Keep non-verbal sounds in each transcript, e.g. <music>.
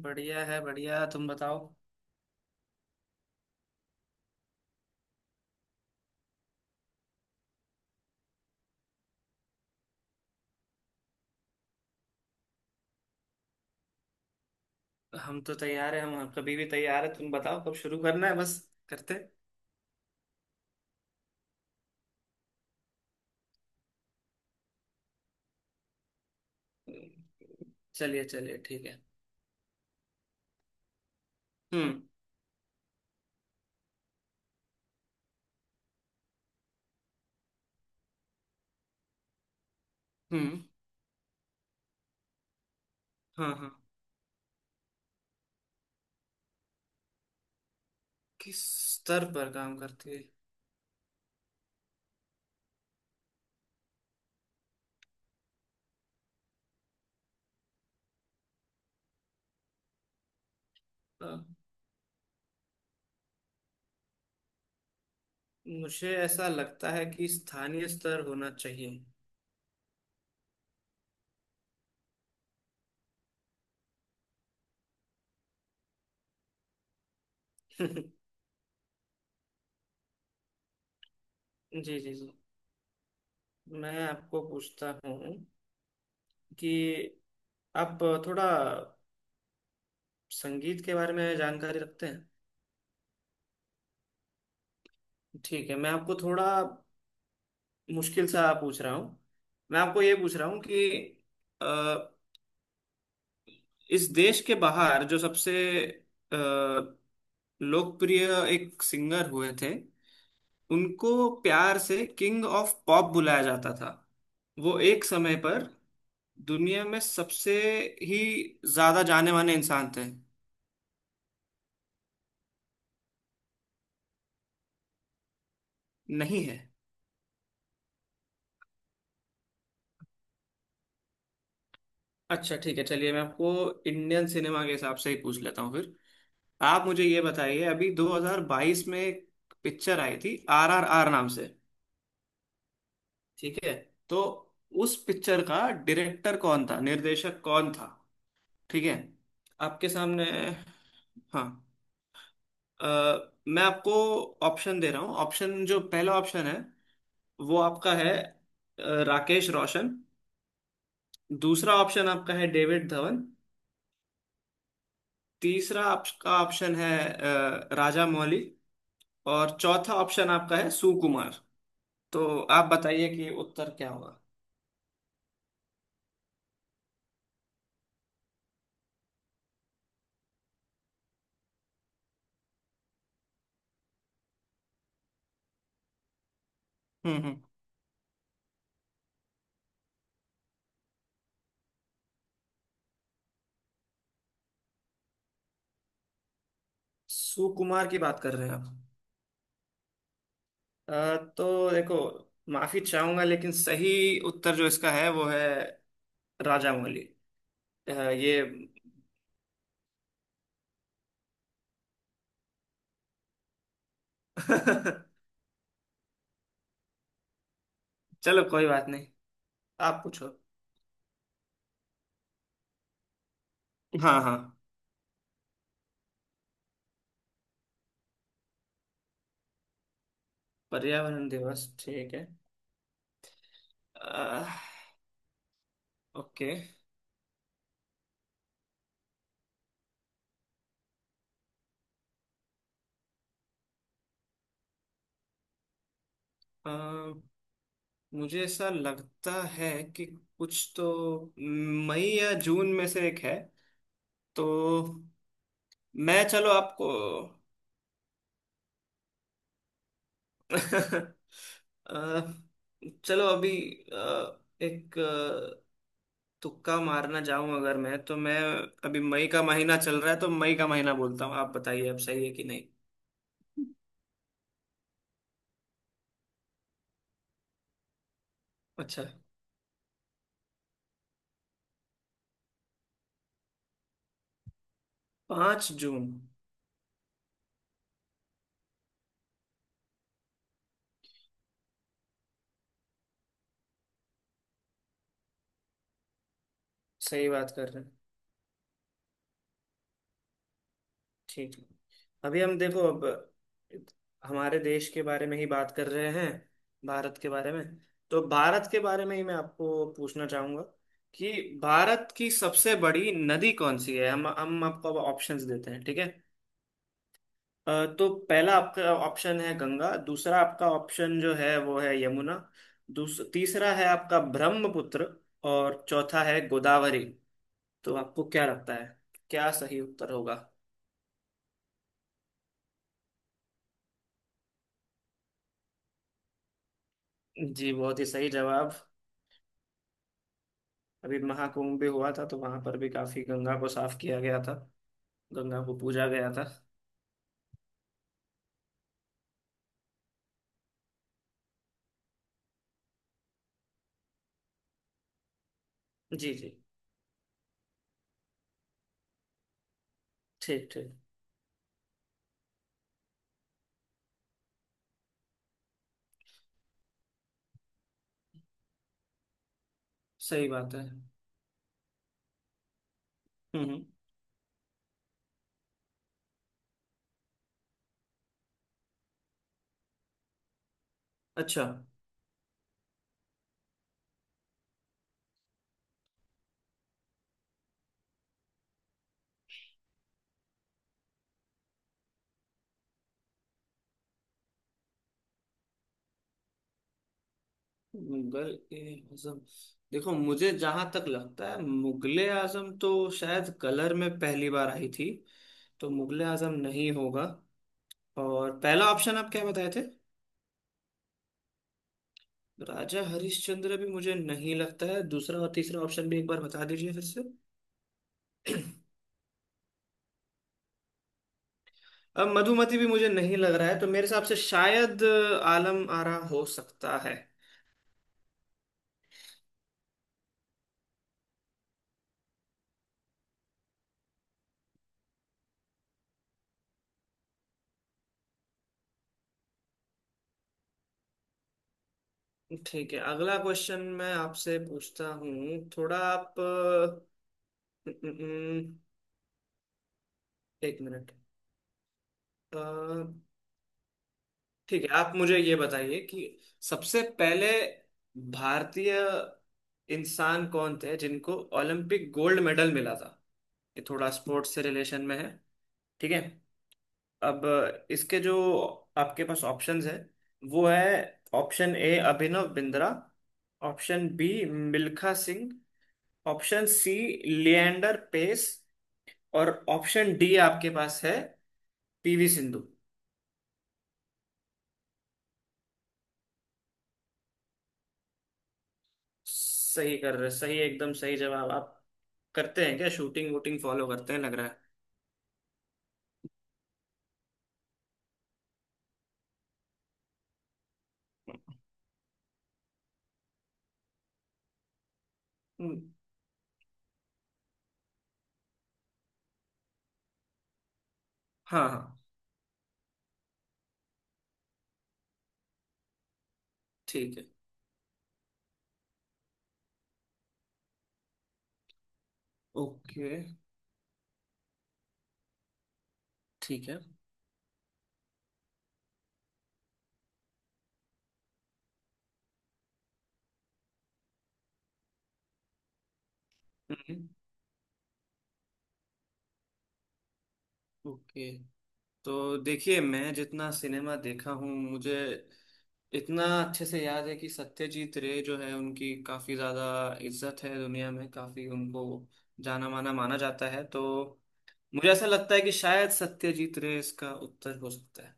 बढ़िया है, बढ़िया। तुम बताओ। हम तो तैयार है। हम कभी भी तैयार है। तुम बताओ कब शुरू करना है बस करते। चलिए, चलिए, ठीक है। हम्म। हम्म। हाँ, हाँ। किस स्तर पर काम करती है? अ, मुझे ऐसा लगता है कि स्थानीय स्तर होना चाहिए। <laughs> जी, जी, जी। मैं आपको पूछता हूँ कि आप थोड़ा संगीत के बारे में जानकारी रखते हैं? ठीक है। मैं आपको थोड़ा मुश्किल सा पूछ रहा हूँ। मैं आपको ये पूछ रहा हूँ कि अ, इस देश के बाहर जो सबसे अ, लोकप्रिय एक सिंगर हुए थे। उनको प्यार से किंग ऑफ पॉप बुलाया जाता था। वो एक समय पर दुनिया में सबसे ही ज्यादा जाने माने इंसान थे। नहीं है। अच्छा, ठीक है। चलिए, मैं आपको इंडियन सिनेमा के हिसाब से ही पूछ लेता हूँ फिर। आप मुझे ये बताइए, अभी 2022 में एक पिक्चर आई थी आरआरआर नाम से। ठीक है। तो उस पिक्चर का डायरेक्टर कौन था, निर्देशक कौन था? ठीक है। आपके सामने। हाँ। अ, मैं आपको ऑप्शन दे रहा हूँ। ऑप्शन, जो पहला ऑप्शन है वो आपका है, राकेश रोशन। दूसरा ऑप्शन आपका है डेविड धवन। तीसरा आपका ऑप्शन है राजा मौली। और चौथा ऑप्शन आपका है सुकुमार। तो आप बताइए कि उत्तर क्या होगा। हम्म। हम्म। सुकुमार की बात कर रहे हैं आप? तो देखो, माफी चाहूंगा लेकिन सही उत्तर जो इसका है वो है राजामौली। ये <laughs> चलो कोई बात नहीं। आप पूछो। हाँ, हाँ। पर्यावरण दिवस, ठीक है। अ, ओके। अ, मुझे ऐसा लगता है कि कुछ तो मई या जून में से एक है। तो मैं, चलो, आपको <laughs> अ, चलो, अभी एक तुक्का मारना चाहूं अगर मैं तो मैं अभी मई का महीना चल रहा है तो मई का महीना बोलता हूँ। आप बताइए अब सही है कि नहीं। अच्छा। 5 जून। सही बात कर रहे। ठीक है। अभी हम देखो, अब हमारे देश के बारे में ही बात कर रहे हैं, भारत के बारे में। तो भारत के बारे में ही मैं आपको पूछना चाहूंगा कि भारत की सबसे बड़ी नदी कौन सी है। हम आपको अब ऑप्शंस देते हैं, ठीक है। तो पहला आपका ऑप्शन है गंगा, दूसरा आपका ऑप्शन जो है वो है यमुना, तीसरा है आपका ब्रह्मपुत्र, और चौथा है गोदावरी। तो आपको क्या लगता है, क्या सही उत्तर होगा? जी, बहुत ही सही जवाब। अभी महाकुंभ भी हुआ था तो वहां पर भी काफी गंगा को साफ किया गया था। गंगा को पूजा गया था। जी, जी। ठीक ठीक। सही बात है। हम्म। हम्म। अच्छा, मुगल ए आजम। देखो, मुझे जहां तक लगता है मुगले आजम तो शायद कलर में पहली बार आई थी, तो मुगले आजम नहीं होगा। और पहला ऑप्शन आप क्या बताए थे? राजा हरिश्चंद्र भी मुझे नहीं लगता है। दूसरा और तीसरा ऑप्शन भी एक बार बता दीजिए फिर से। अब मधुमति भी मुझे नहीं लग रहा है तो मेरे हिसाब से शायद आलम आरा हो सकता है। ठीक है। अगला क्वेश्चन मैं आपसे पूछता हूँ। थोड़ा आप, न- न- न- एक मिनट। अ, ठीक है। आप मुझे ये बताइए कि सबसे पहले भारतीय इंसान कौन थे जिनको ओलंपिक गोल्ड मेडल मिला था। ये थोड़ा स्पोर्ट्स से रिलेशन में है। ठीक है। अब इसके जो आपके पास ऑप्शंस है वो है: option A, Abhinav Bindra. Option B, Milkha Singh. Option C, Leander Paes. और ऑप्शन डी आपके पास है, पीवी सिंधु। सही कर रहे, सही, एकदम सही जवाब। आप करते हैं क्या शूटिंग वूटिंग फॉलो करते हैं, लग रहा है। हम्म। हाँ, हाँ। ठीक है। ओके। ठीक है। हम्म। ओके। तो देखिए, मैं जितना सिनेमा देखा हूँ मुझे इतना अच्छे से याद है कि सत्यजीत रे जो है उनकी काफी ज्यादा इज्जत है दुनिया में, काफी उनको जाना माना माना जाता है, तो मुझे ऐसा लगता है कि शायद सत्यजीत रे इसका उत्तर हो सकता है।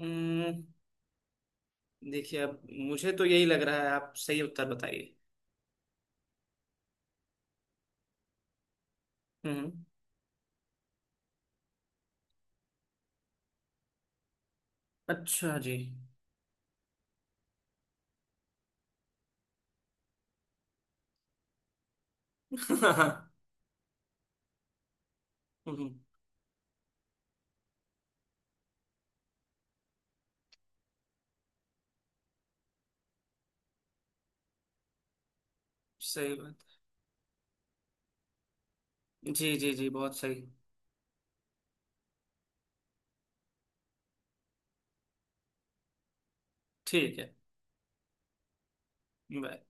हम्म। देखिए, अब मुझे तो यही लग रहा है। आप सही उत्तर बताइए। हम्म। अच्छा जी। <laughs> हम्म। सही बात। जी, जी, जी। बहुत सही। ठीक है। बाय।